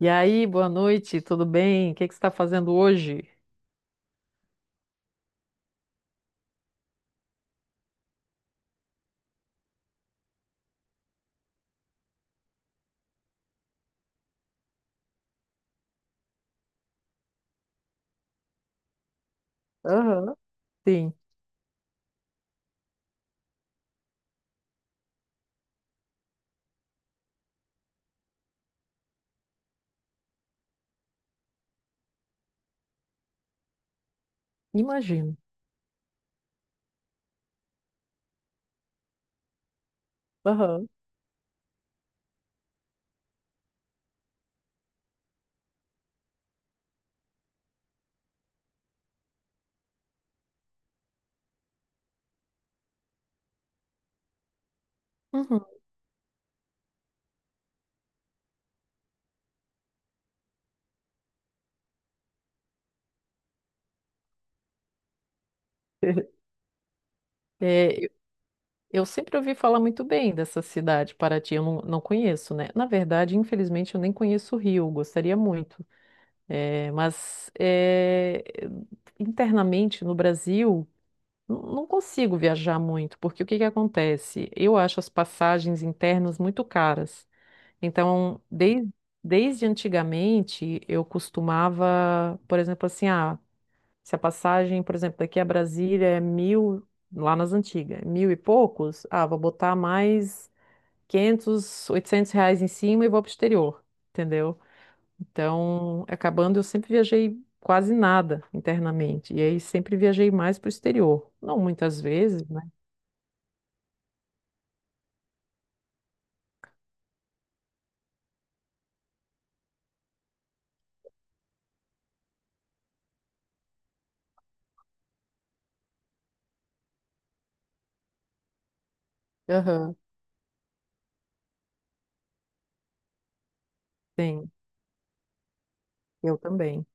E aí, boa noite, tudo bem? O que que você está fazendo hoje? Aham. Sim, imagino. Aham. Uhum. É, eu sempre ouvi falar muito bem dessa cidade, Paraty. Eu não conheço, né? Na verdade, infelizmente, eu nem conheço o Rio, gostaria muito. É, mas é, internamente no Brasil, não consigo viajar muito, porque o que que acontece? Eu acho as passagens internas muito caras. Então, desde antigamente, eu costumava, por exemplo, assim, se a passagem, por exemplo, daqui a Brasília é mil, lá nas antigas, mil e poucos, vou botar mais 500 800 reais em cima e vou pro exterior, entendeu? Então, acabando, eu sempre viajei quase nada internamente, e aí sempre viajei mais pro exterior. Não muitas vezes, né? Aham. Sim, eu também.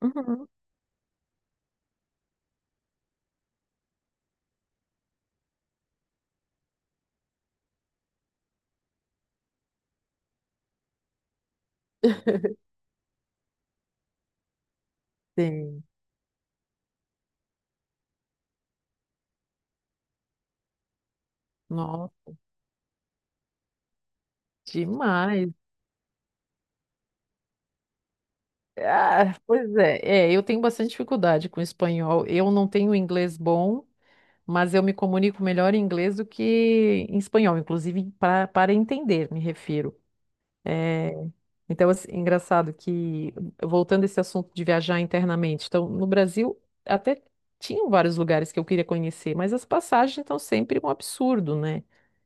Uhum. Sim. Nossa, demais. Ah, pois é. É, eu tenho bastante dificuldade com espanhol. Eu não tenho inglês bom, mas eu me comunico melhor em inglês do que em espanhol, inclusive para entender, me refiro. Então, assim, engraçado que, voltando a esse assunto de viajar internamente, então, no Brasil até tinham vários lugares que eu queria conhecer, mas as passagens estão sempre um absurdo, né?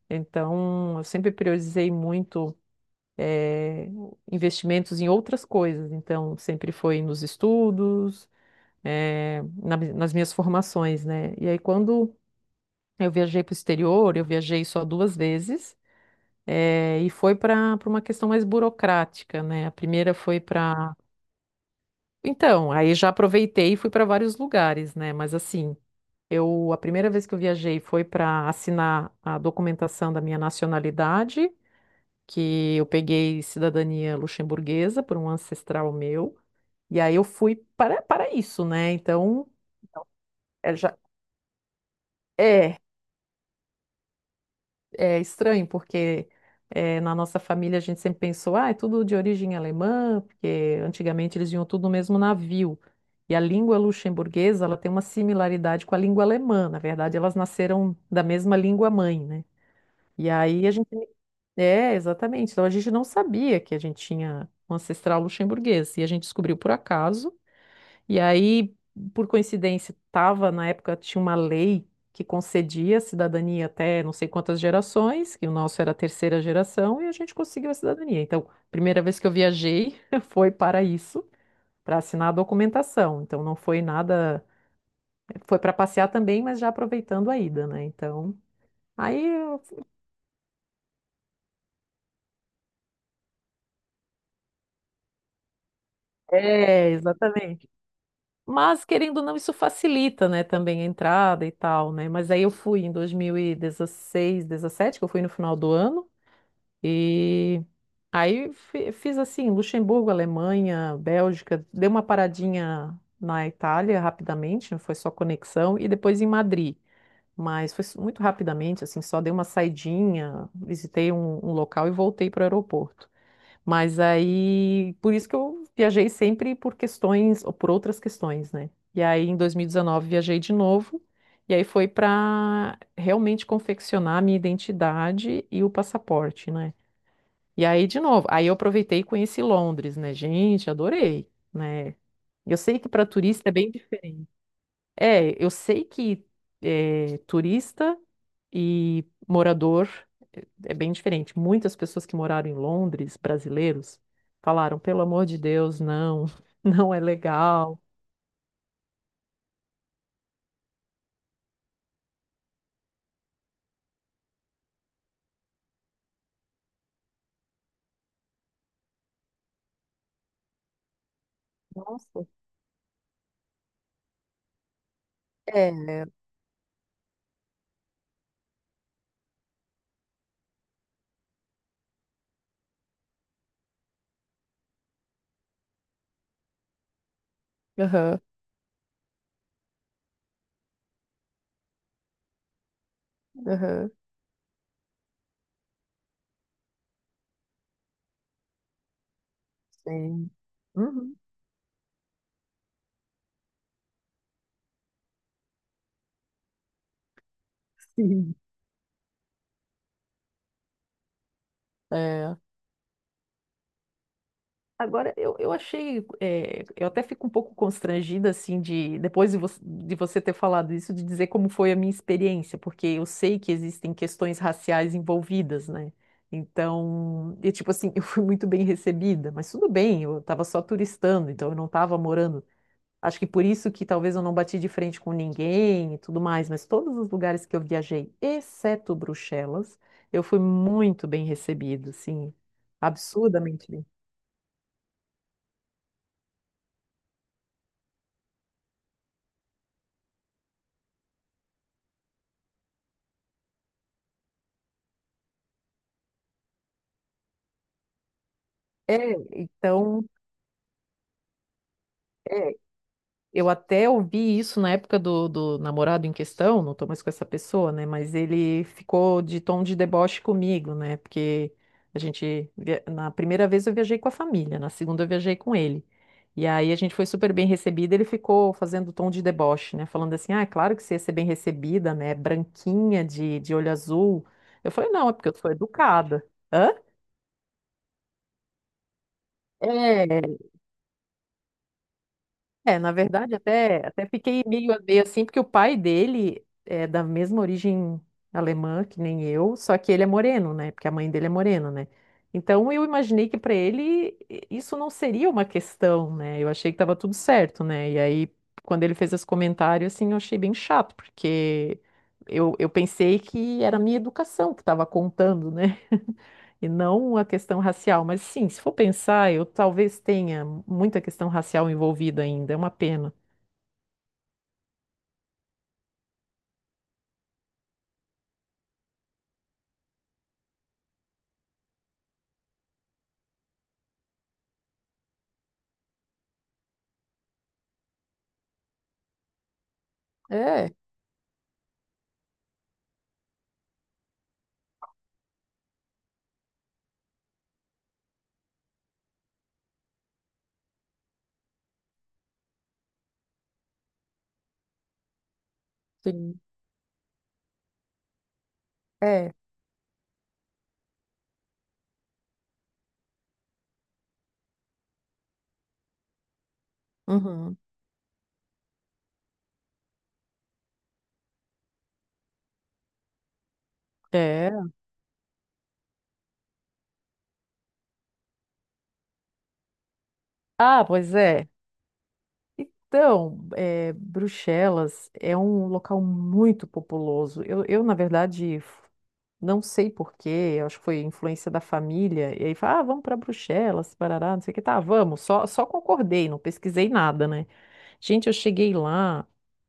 Então, eu sempre priorizei muito eh, investimentos em outras coisas. Então, sempre foi nos estudos, nas minhas formações, né? E aí, quando eu viajei para o exterior, eu viajei só duas vezes, e foi para uma questão mais burocrática, né? A primeira foi para. Então, aí já aproveitei e fui para vários lugares, né? Mas assim, eu a primeira vez que eu viajei foi para assinar a documentação da minha nacionalidade, que eu peguei cidadania luxemburguesa por um ancestral meu. E aí eu fui para isso, né? Então, é, já, é, é estranho, porque na nossa família a gente sempre pensou, ah, é tudo de origem alemã, porque antigamente eles vinham tudo no mesmo navio. E a língua luxemburguesa, ela tem uma similaridade com a língua alemã. Na verdade, elas nasceram da mesma língua mãe, né? E aí a gente... É, exatamente. Então a gente não sabia que a gente tinha um ancestral luxemburguês. E a gente descobriu por acaso. E aí, por coincidência, tava na época tinha uma lei que concedia cidadania até não sei quantas gerações, que o nosso era a terceira geração, e a gente conseguiu a cidadania. Então, primeira vez que eu viajei foi para isso, para assinar a documentação. Então, não foi nada, foi para passear também, mas já aproveitando a ida, né? Então, aí eu- é, exatamente. Mas querendo ou não, isso facilita, né, também a entrada e tal, né? Mas aí eu fui em 2016, 17, que eu fui no final do ano. E aí fiz assim, Luxemburgo, Alemanha, Bélgica, dei uma paradinha na Itália rapidamente, foi só conexão, e depois em Madrid. Mas foi muito rapidamente, assim, só dei uma saidinha, visitei um local e voltei para o aeroporto. Mas aí, por isso que eu viajei sempre por questões, ou por outras questões, né? E aí, em 2019, viajei de novo, e aí foi para realmente confeccionar a minha identidade e o passaporte, né? E aí, de novo, aí eu aproveitei e conheci Londres, né? Gente, adorei, né? Eu sei que para turista é bem diferente. É, eu sei que é, turista e morador é bem diferente. Muitas pessoas que moraram em Londres, brasileiros, falaram, pelo amor de Deus, não, não é legal. Nossa. É. Aham. Aham. Sim. Uhum. Sim. É. Agora, eu achei, eu até fico um pouco constrangida, assim, de, depois de, vo de você ter falado isso, de dizer como foi a minha experiência, porque eu sei que existem questões raciais envolvidas, né? Então, e tipo assim, eu fui muito bem recebida, mas tudo bem, eu estava só turistando, então eu não estava morando. Acho que por isso que talvez eu não bati de frente com ninguém e tudo mais, mas todos os lugares que eu viajei, exceto Bruxelas, eu fui muito bem recebida, assim, absurdamente. É. Então, é, eu até ouvi isso na época do namorado em questão, não tô mais com essa pessoa, né? Mas ele ficou de tom de deboche comigo, né? Porque a gente, na primeira vez eu viajei com a família, na segunda eu viajei com ele. E aí a gente foi super bem recebida, ele ficou fazendo tom de deboche, né? Falando assim, ah, é claro que você ia ser bem recebida, né? Branquinha, de olho azul. Eu falei, não, é porque eu sou educada. Hã? É. É, na verdade, até fiquei meio a meio assim, porque o pai dele é da mesma origem alemã que nem eu, só que ele é moreno, né? Porque a mãe dele é morena, né? Então eu imaginei que para ele isso não seria uma questão, né? Eu achei que tava tudo certo, né? E aí, quando ele fez esse comentário, assim, eu achei bem chato, porque eu pensei que era a minha educação que estava contando, né? E não a questão racial. Mas sim, se for pensar, eu talvez tenha muita questão racial envolvida ainda, é uma pena. É. Sim. É. Uhum. É. Ah, pois é. Então, é, Bruxelas é um local muito populoso. Eu, na verdade, não sei porquê, eu acho que foi influência da família. E aí fala, ah, vamos para Bruxelas, parará, não sei o que. Tá, vamos. Só concordei, não pesquisei nada, né? Gente, eu cheguei lá,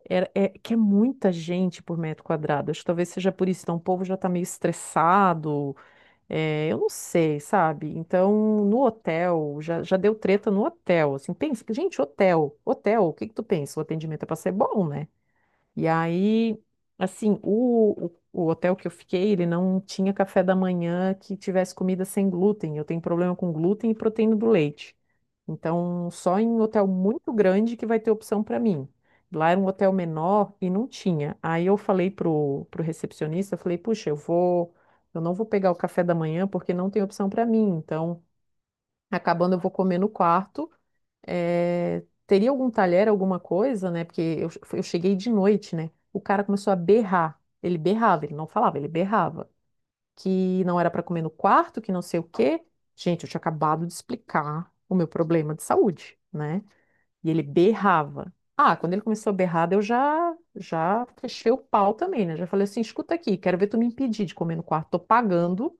era, é, que é muita gente por metro quadrado. Acho que talvez seja por isso. Então, o povo já está meio estressado. É, eu não sei, sabe? Então, no hotel, já deu treta no hotel, assim, pensa, que, gente, hotel, o que que tu pensa? O atendimento é pra ser bom, né? E aí, assim, o hotel que eu fiquei, ele não tinha café da manhã que tivesse comida sem glúten, eu tenho problema com glúten e proteína do leite. Então, só em hotel muito grande que vai ter opção para mim. Lá era um hotel menor e não tinha. Aí eu falei pro recepcionista, eu falei, puxa, eu vou, eu não vou pegar o café da manhã porque não tem opção para mim. Então, acabando, eu vou comer no quarto. Teria algum talher, alguma coisa, né? Porque eu, eu cheguei de noite, né? O cara começou a berrar. Ele berrava, ele não falava, ele berrava. Que não era para comer no quarto, que não sei o quê. Gente, eu tinha acabado de explicar o meu problema de saúde, né? E ele berrava. Ah, quando ele começou a berrar, daí eu já fechei o pau também, né? Já falei assim: escuta aqui, quero ver tu me impedir de comer no quarto. Tô pagando,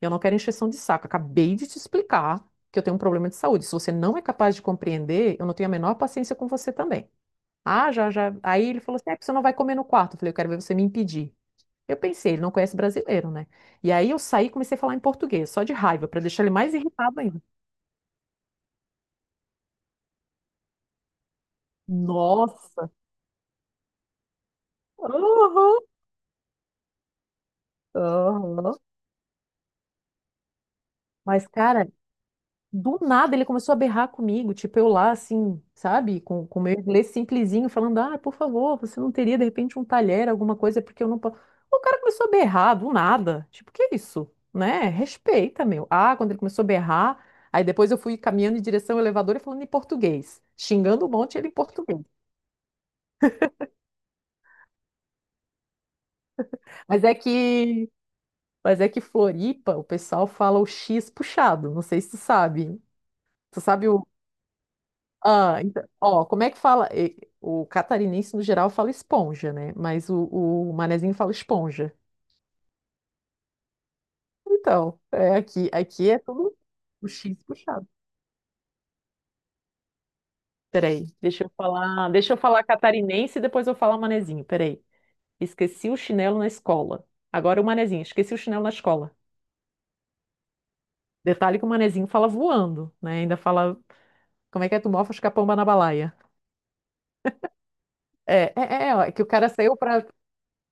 eu não quero encheção de saco. Acabei de te explicar que eu tenho um problema de saúde. Se você não é capaz de compreender, eu não tenho a menor paciência com você também. Ah, já, já. Aí ele falou assim: é, porque você não vai comer no quarto. Eu falei: eu quero ver você me impedir. Eu pensei, ele não conhece brasileiro, né? E aí eu saí e comecei a falar em português, só de raiva, pra deixar ele mais irritado ainda. Nossa! Aham. Aham. Mas, cara, do nada ele começou a berrar comigo, tipo eu lá assim, sabe, com o meu inglês simplesinho, falando: "Ah, por favor, você não teria de repente um talher, alguma coisa, porque eu não posso". O cara começou a berrar do nada. Tipo, que isso? Né? Respeita, meu. Ah, quando ele começou a berrar, aí depois eu fui caminhando em direção ao elevador e falando em português, xingando um monte ele em português. Mas é que, mas é que Floripa, o pessoal fala o X puxado, não sei se tu sabe. Tu sabe o ah, então, ó, como é que fala? O catarinense, no geral, fala esponja, né? Mas o manezinho fala esponja. Então, é aqui, aqui é tudo o X puxado. Peraí, deixa eu falar catarinense e depois eu falar manezinho. Peraí. Esqueci o chinelo na escola. Agora o manezinho, esqueci o chinelo na escola. Detalhe que o manezinho fala voando, né? Ainda fala, como é que é? Tu mofa os capão na balaia. É que o cara saiu para.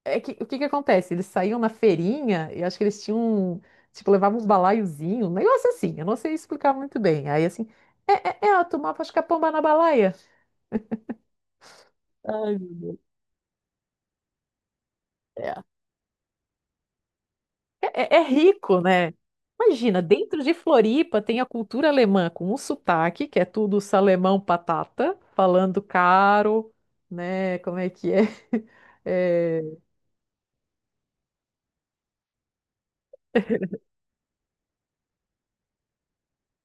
É que, o que que acontece? Eles saíam na feirinha e acho que eles tinham, um- tipo, levavam um balaiozinho, um negócio assim, eu não sei explicar muito bem. Aí, assim, é ela tomava, acho que a pomba na balaia. Ai, meu Deus. É, é rico, né? Imagina, dentro de Floripa tem a cultura alemã com o sotaque, que é tudo salemão patata, falando caro, né? Como é que é? É,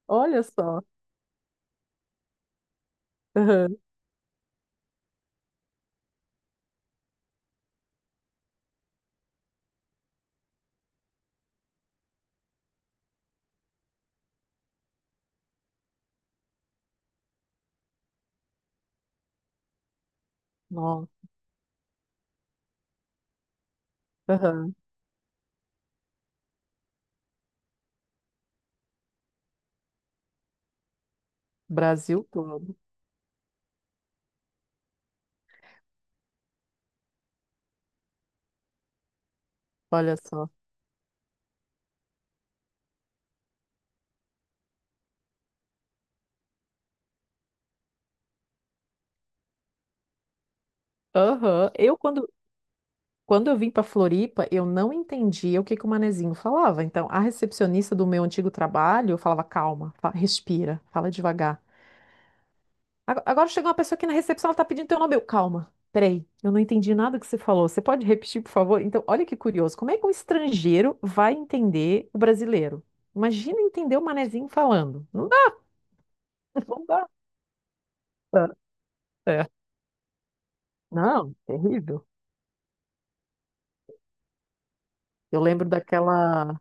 olha só. Aham. Nossa, aham. Brasil todo, olha só. Aham. Eu, quando Quando eu vim para Floripa, eu não entendia o que que o manezinho falava. Então, a recepcionista do meu antigo trabalho falava: calma, respira, fala devagar. Agora chegou uma pessoa aqui na recepção, ela tá pedindo teu nome. Eu, calma, peraí, eu não entendi nada que você falou. Você pode repetir, por favor? Então, olha que curioso: como é que um estrangeiro vai entender o brasileiro? Imagina entender o manezinho falando. Não dá, não dá. É. Não, terrível. Eu lembro daquela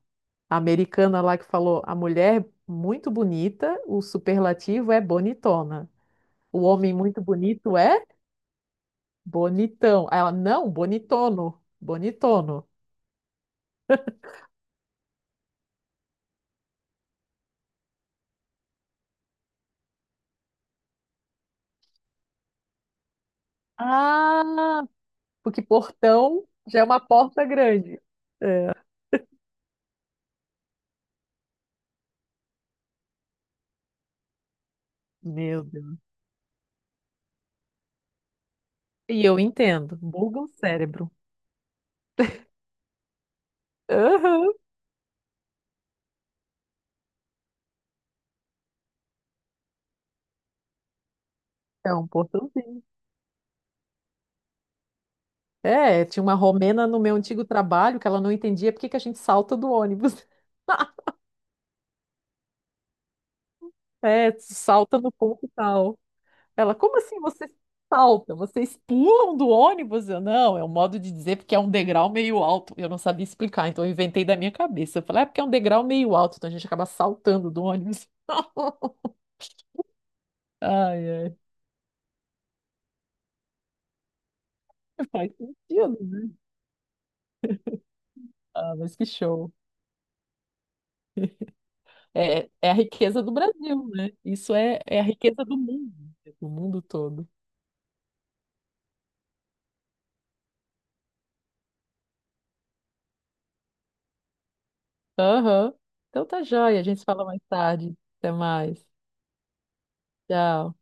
a americana lá que falou: a mulher muito bonita, o superlativo é bonitona. O homem muito bonito é bonitão. Aí ela, não, bonitono, bonitono. Ah, porque portão já é uma porta grande. É, meu Deus. E eu entendo, buga o cérebro. Aham. É um portãozinho. É, tinha uma romena no meu antigo trabalho que ela não entendia por que que a gente salta do ônibus. É, salta no ponto tal. Ela, como assim vocês saltam? Vocês pulam do ônibus? Eu, não, é um modo de dizer porque é um degrau meio alto. Eu não sabia explicar, então eu inventei da minha cabeça. Eu falei, é porque é um degrau meio alto, então a gente acaba saltando do ônibus. Ai, ai, faz sentido, né? Ah, mas que show. É, é a riqueza do Brasil, né? Isso é, é a riqueza do mundo todo. Aham. Então tá joia, a gente se fala mais tarde. Até mais. Tchau.